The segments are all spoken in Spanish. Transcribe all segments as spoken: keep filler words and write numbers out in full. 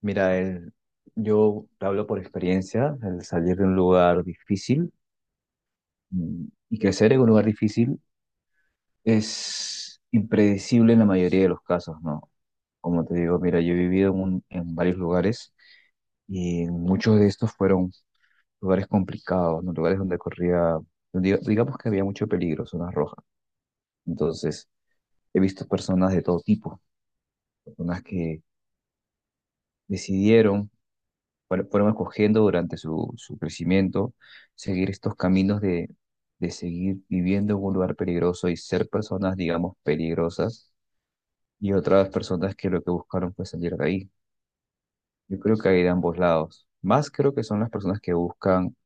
Mira, el- yo te hablo por experiencia, el salir de un lugar difícil mm, y crecer en un lugar difícil es impredecible en la mayoría de los casos, ¿no? Como te digo, mira, yo he vivido en, un- en varios lugares y muchos de estos fueron lugares complicados, ¿no? Lugares donde corría, diga- digamos que había mucho peligro, zonas rojas. Entonces, he visto personas de todo tipo, personas que decidieron fuer- fueron escogiendo durante su, su crecimiento, seguir estos caminos de, de seguir viviendo en un lugar peligroso y ser personas, digamos, peligrosas, y otras personas que lo que buscaron fue salir de ahí. Yo creo que hay de ambos lados. Más creo que son las personas que buscan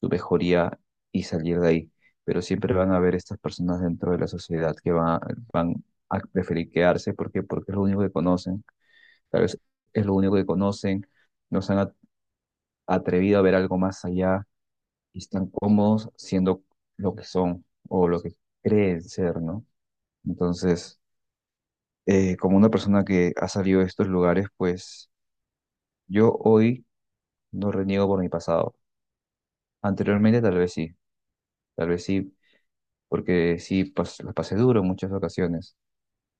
su mejoría y salir de ahí, pero siempre van a haber estas personas dentro de la sociedad que va- van a preferir quedarse porque, porque es lo único que conocen, tal vez es lo único que conocen, no se han at- atrevido a ver algo más allá y están cómodos siendo lo que son o lo que creen ser, ¿no? Entonces, eh, como una persona que ha salido de estos lugares, pues yo hoy no reniego por mi pasado. Anteriormente tal vez sí, tal vez sí, porque sí pas la pasé duro en muchas ocasiones,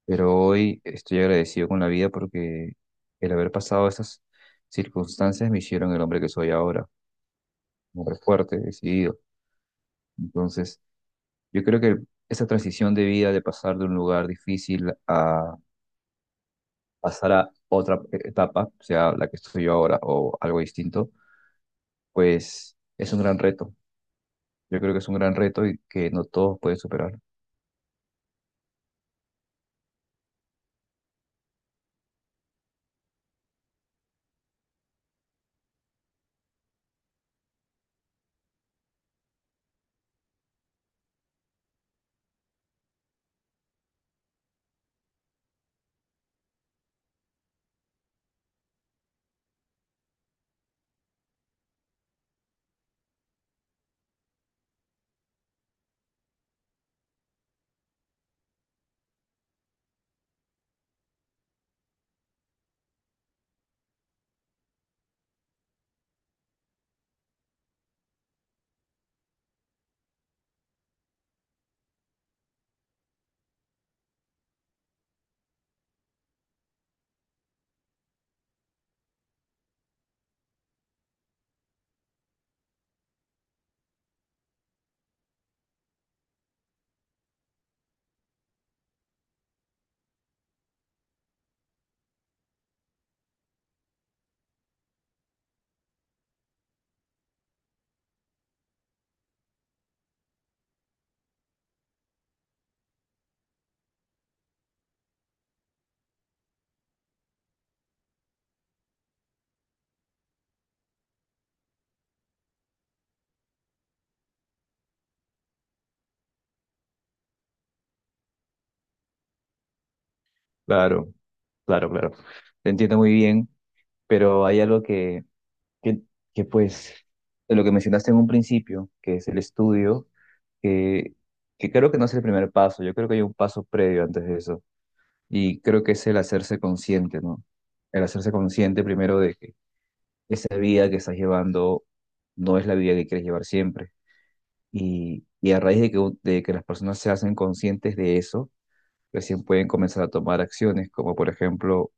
pero hoy estoy agradecido con la vida porque el haber pasado esas circunstancias me hicieron el hombre que soy ahora, un hombre fuerte, decidido. Entonces, yo creo que esa transición de vida, de pasar de un lugar difícil a pasar a otra etapa, sea la que estoy yo ahora o algo distinto, pues es un gran reto. Yo creo que es un gran reto y que no todos pueden superar. Claro, claro, claro. Te entiendo muy bien, pero hay algo que, que, que pues, de lo que mencionaste en un principio, que es el estudio, que, que creo que no es el primer paso. Yo creo que hay un paso previo antes de eso. Y creo que es el hacerse consciente, ¿no? El hacerse consciente primero de que esa vida que estás llevando no es la vida que quieres llevar siempre. Y, y a raíz de que, un- de que las personas se hacen conscientes de eso, recién pueden comenzar a tomar acciones, como por ejemplo,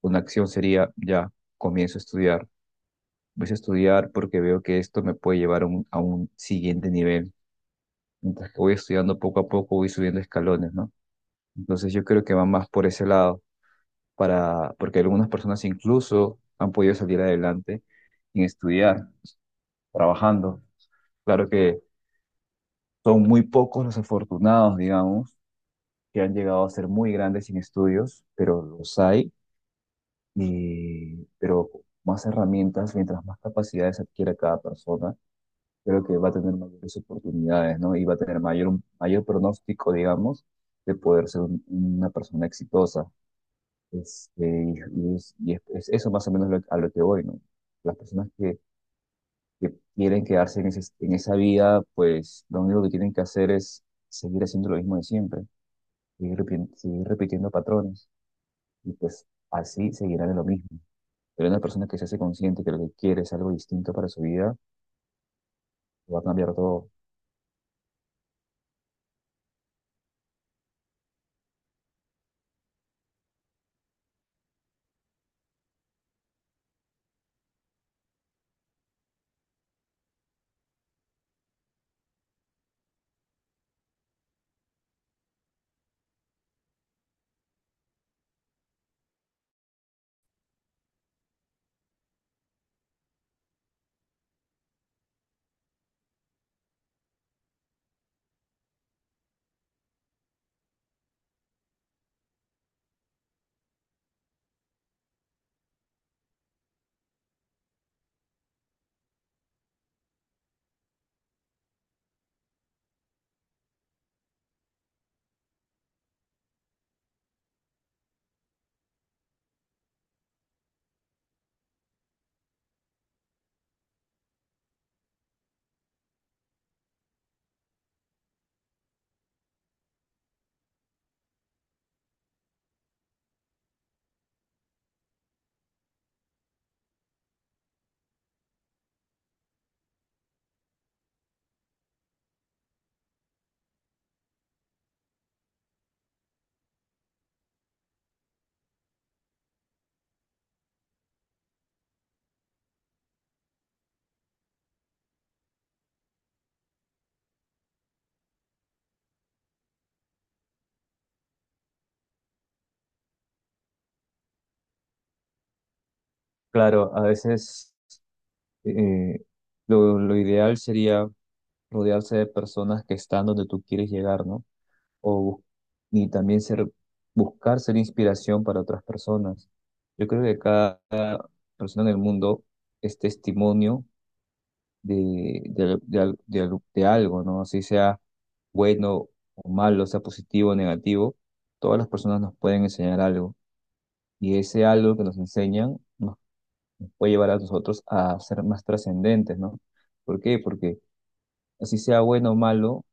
una acción sería, ya, comienzo a estudiar. Voy a estudiar porque veo que esto me puede llevar a un, a un siguiente nivel. Mientras que voy estudiando poco a poco, voy subiendo escalones, ¿no? Entonces yo creo que va más por ese lado para, porque algunas personas incluso han podido salir adelante sin estudiar, trabajando. Claro que son muy pocos los afortunados, digamos, que han llegado a ser muy grandes sin estudios, pero los hay, y, pero más herramientas, mientras más capacidades adquiera cada persona, creo que va a tener mayores oportunidades, ¿no? Y va a tener mayor, mayor pronóstico, digamos, de poder ser un- una persona exitosa. Este, y es, y es- es eso más o menos lo- a lo que voy, ¿no? Las personas que, que quieren quedarse en, ese- en esa vida, pues lo único que tienen que hacer es seguir haciendo lo mismo de siempre, seguir, repi- seguir repitiendo patrones y pues así seguirán en lo mismo. Pero una persona que se hace consciente que lo que quiere es algo distinto para su vida, va a cambiar todo. Claro, a veces eh, lo, lo ideal sería rodearse de personas que están donde tú quieres llegar, ¿no? o, bus- y también ser, buscar ser inspiración para otras personas. Yo creo que cada persona en el mundo es testimonio de, de, de al- de al- de algo, ¿no? Así sea bueno o malo, sea positivo o negativo, todas las personas nos pueden enseñar algo y ese algo que nos enseñan nos puede llevar a nosotros a ser más trascendentes, ¿no? ¿Por qué? Porque así sea bueno o malo,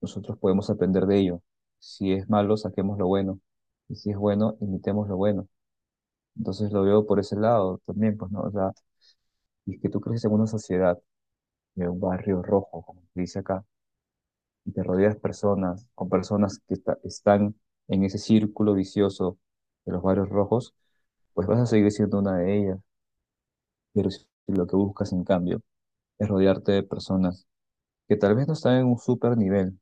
nosotros podemos aprender de ello. Si es malo, saquemos lo bueno. Y si es bueno, imitemos lo bueno. Entonces lo veo por ese lado también, pues, ¿no? O sea, y es que tú creces en una sociedad, en un barrio rojo, como se dice acá, y te rodeas personas, con personas que esta- están en ese círculo vicioso de los barrios rojos, pues vas a seguir siendo una de ellas. Pero si lo que buscas, en cambio, es rodearte de personas que tal vez no están en un super nivel,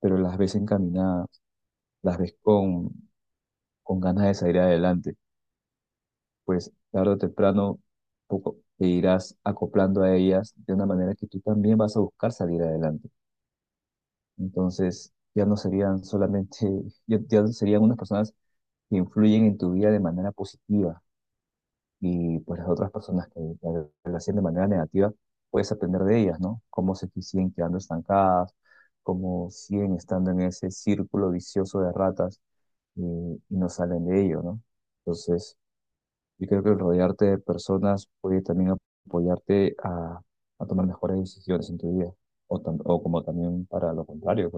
pero las ves encaminadas, las ves con con ganas de salir adelante, pues tarde o temprano poco te irás acoplando a ellas de una manera que tú también vas a buscar salir adelante. Entonces, ya no serían solamente, ya, ya no serían unas personas que influyen en tu vida de manera positiva y pues las otras personas que la la hacen de manera negativa, puedes aprender de ellas, ¿no? Cómo se si siguen quedando estancadas, cómo siguen estando en ese círculo vicioso de ratas y, y no salen de ello, ¿no? Entonces, yo creo que el rodearte de personas puede también apoyarte a, a tomar mejores decisiones en tu vida, o, tam- o como también para lo contrario,